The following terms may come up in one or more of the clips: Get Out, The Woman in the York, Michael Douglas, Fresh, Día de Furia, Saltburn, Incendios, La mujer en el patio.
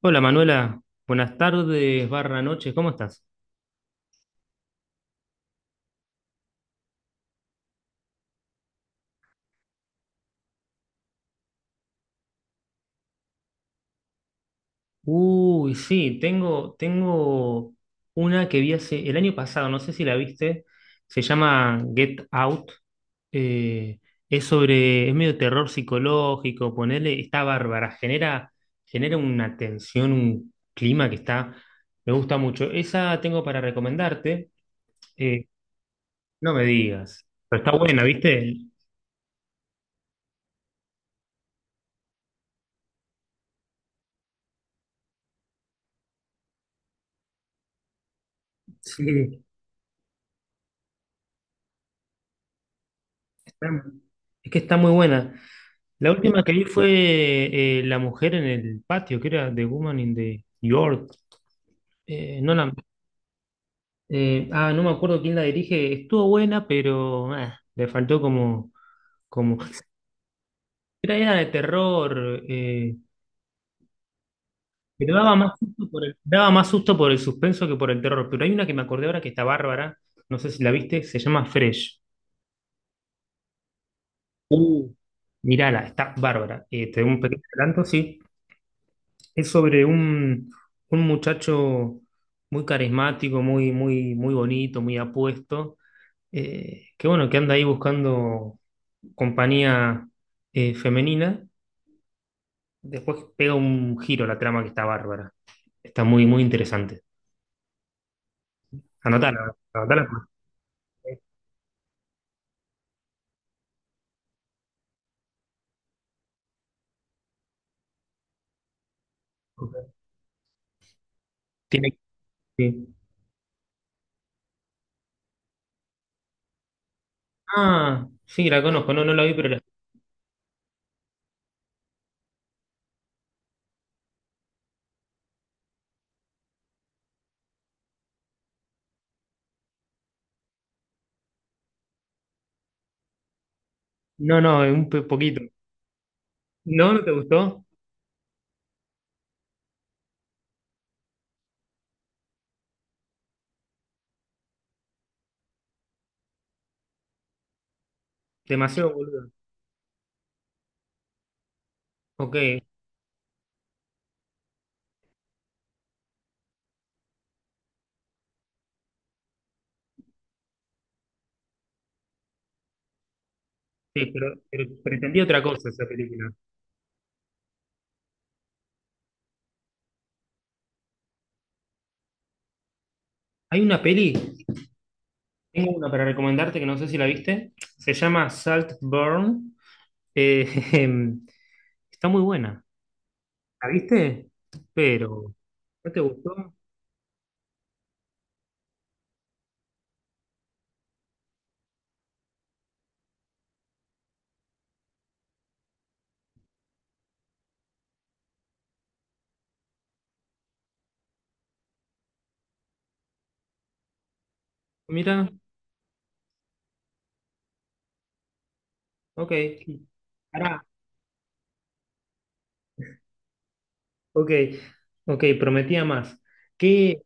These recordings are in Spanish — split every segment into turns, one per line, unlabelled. Hola Manuela, buenas tardes, barra noches, ¿cómo estás? Uy, sí, tengo una que vi hace el año pasado, no sé si la viste, se llama Get Out. eh, es sobre, es medio terror psicológico. Ponerle, está bárbara, genera una tensión, un clima que está, me gusta mucho. Esa tengo para recomendarte. eh, no me digas, pero está buena, ¿viste? Sí, está- es que está muy buena. La última que vi fue La mujer en el patio, que era The Woman in the York. Eh, no la- no me acuerdo quién la dirige. Estuvo buena, pero le faltó como. Era de terror. Pero daba más susto daba más susto por el suspenso que por el terror. Pero hay una que me acordé ahora que está bárbara. No sé si la viste, se llama Fresh. Uh. Mirala, está bárbara. Te doy un pequeño adelanto, sí. Es sobre un muchacho muy carismático, muy bonito, muy apuesto, que bueno, que anda ahí buscando compañía femenina. Después pega un giro la trama que está bárbara. Está muy interesante. Anotala, anotala. Tiene que... Ah, sí, la conozco. No, no la vi, pero la... No, no, un poquito. ¿No? ¿No te gustó? Demasiado boludo. Ok, sí, pero pretendía otra cosa esa película. Hay una peli Tengo una para recomendarte que no sé si la viste. Se llama Saltburn. Jejem, está muy buena. ¿La viste? Pero, ¿no te gustó? Mira, ok. Pará, ok. Ok, prometía más. ¿Qué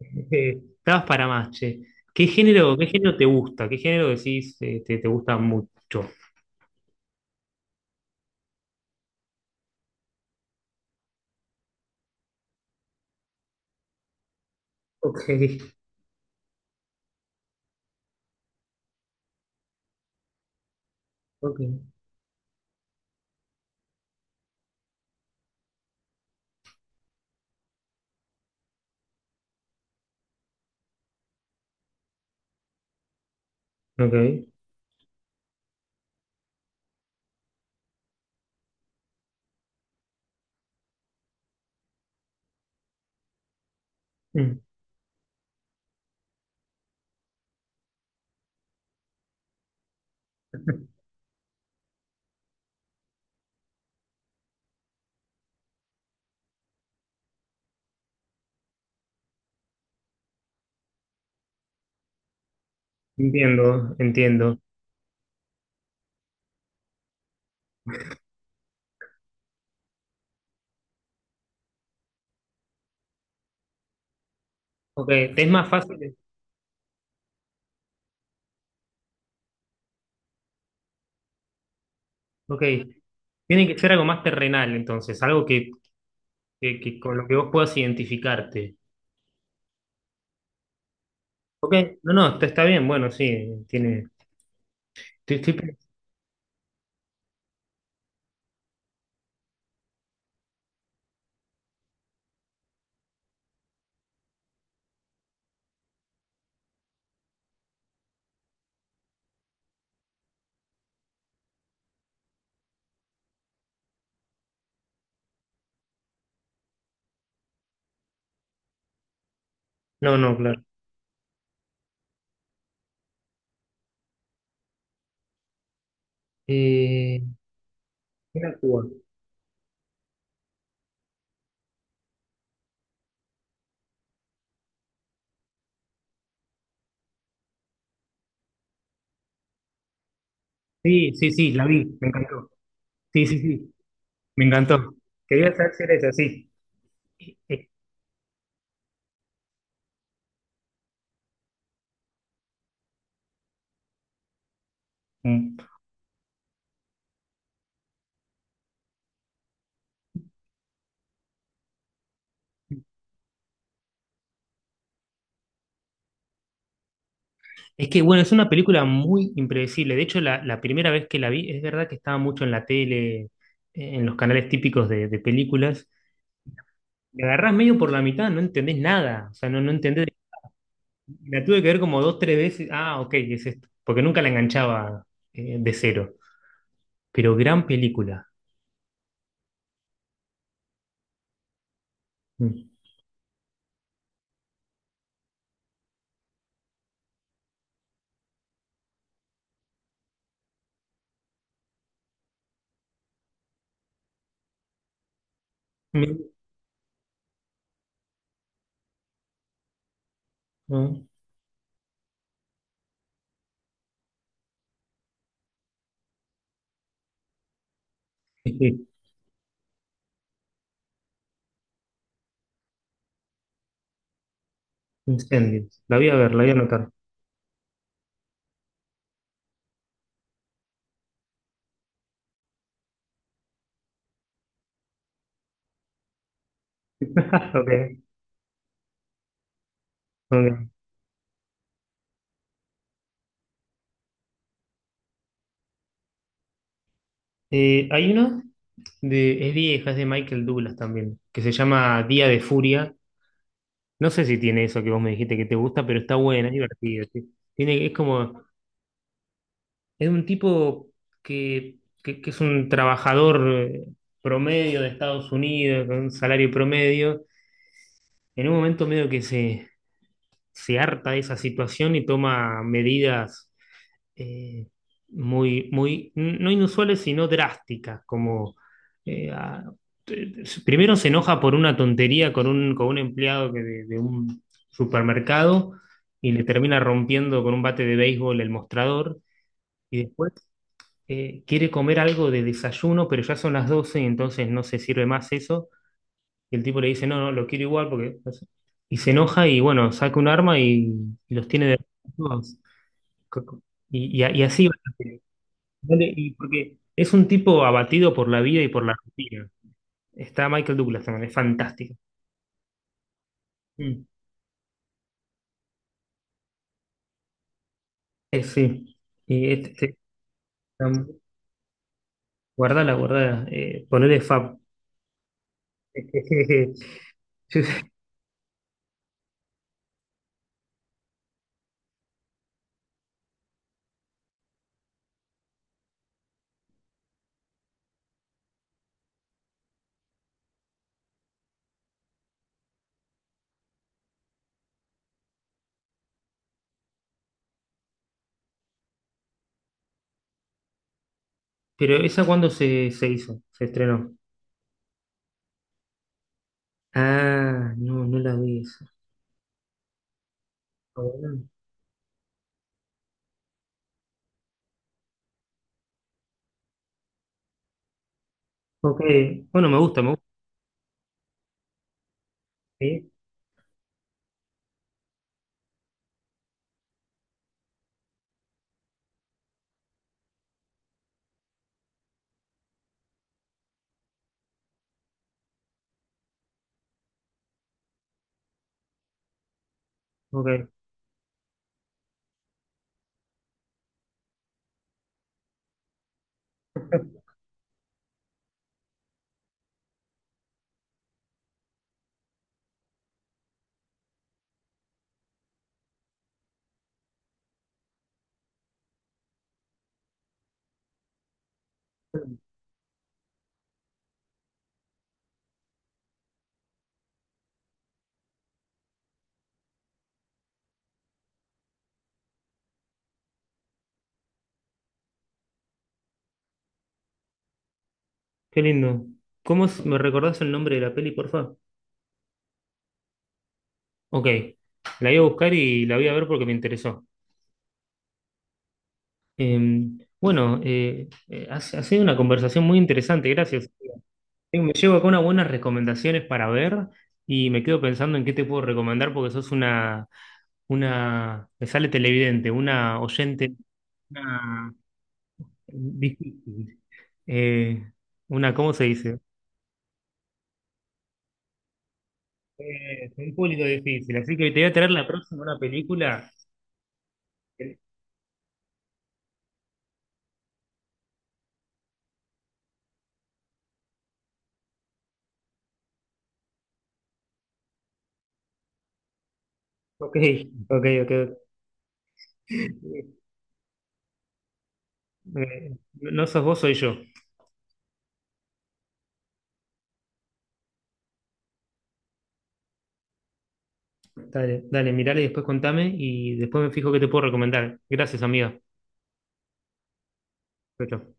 estabas para más, che? Qué género te gusta? ¿Qué género decís te gusta mucho? Ok, ok, ok. Mm, entiendo, entiendo. Ok, ¿te es más fácil? Ok. Tiene que ser algo más terrenal, entonces, algo que con lo que vos puedas identificarte. Ok, no, no, está, está bien, bueno, sí, tiene. estoy- estoy pens- no, no, claro. Eh, ¿Quién actúa? Sí, sí, sí, la vi, me encantó. Sí, sí, sí, me encantó. Quería saber si era esa, sí. Eh, eh, mm. Es que, bueno, es una película muy impredecible. De hecho, la primera vez que la vi, es verdad que estaba mucho en la tele, en los canales típicos de películas. Me agarrás medio por la mitad, no entendés nada. O sea, no, no entendés. La tuve que ver como dos, tres veces. Ah, ok, es esto. Porque nunca la enganchaba de cero. Pero gran película. Mm. Me- no. Sí, Incendios. La voy a ver, la voy a anotar. Ok, ok. Hay una de, es vieja, es de Michael Douglas también, que se llama Día de Furia. No sé si tiene eso que vos me dijiste que te gusta, pero está buena, es divertida. Sí. Tiene, es como es un tipo que, que es un trabajador eh, promedio de Estados Unidos, con un salario promedio. En un momento medio se harta de esa situación y toma medidas, eh, muy, muy, no inusuales, sino drásticas, como eh, a- primero se enoja por una tontería con con un empleado de un supermercado y le termina rompiendo con un bate de béisbol el mostrador. Y después quiere comer algo de desayuno, pero ya son las 12 y entonces no se sirve más eso. Y el tipo le dice, no, no, lo quiero igual porque... no sé. Y se enoja y bueno, saca un arma y los tiene de... todos. Y, y así va. Dale, y porque es un tipo abatido por la vida y por la rutina. Está Michael Douglas también, es fantástico. Mm. Sí. Y este, um, guardala, guardala. Ponele Fab. Pero esa cuando se hizo, se estrenó. Ah, no, no la vi esa. Ah, bueno. Ok, bueno, me gusta, me gusta. Sí, ok, qué lindo. Me recordás el nombre de la peli, porfa? Ok, la voy a buscar y la voy a ver porque me interesó. Eh, bueno, ha sido una conversación muy interesante, gracias. Me llevo acá unas buenas recomendaciones para ver y me quedo pensando en qué te puedo recomendar porque sos una, me sale televidente, una oyente, una difícil. Eh, una, ¿cómo se dice? Un público difícil. Así que te voy a traer la próxima una película. Ok, ok, ok. No sos vos, soy yo. Dale, dale, mirale y después contame y después me fijo qué te puedo recomendar. Gracias, amiga. Chau, chau.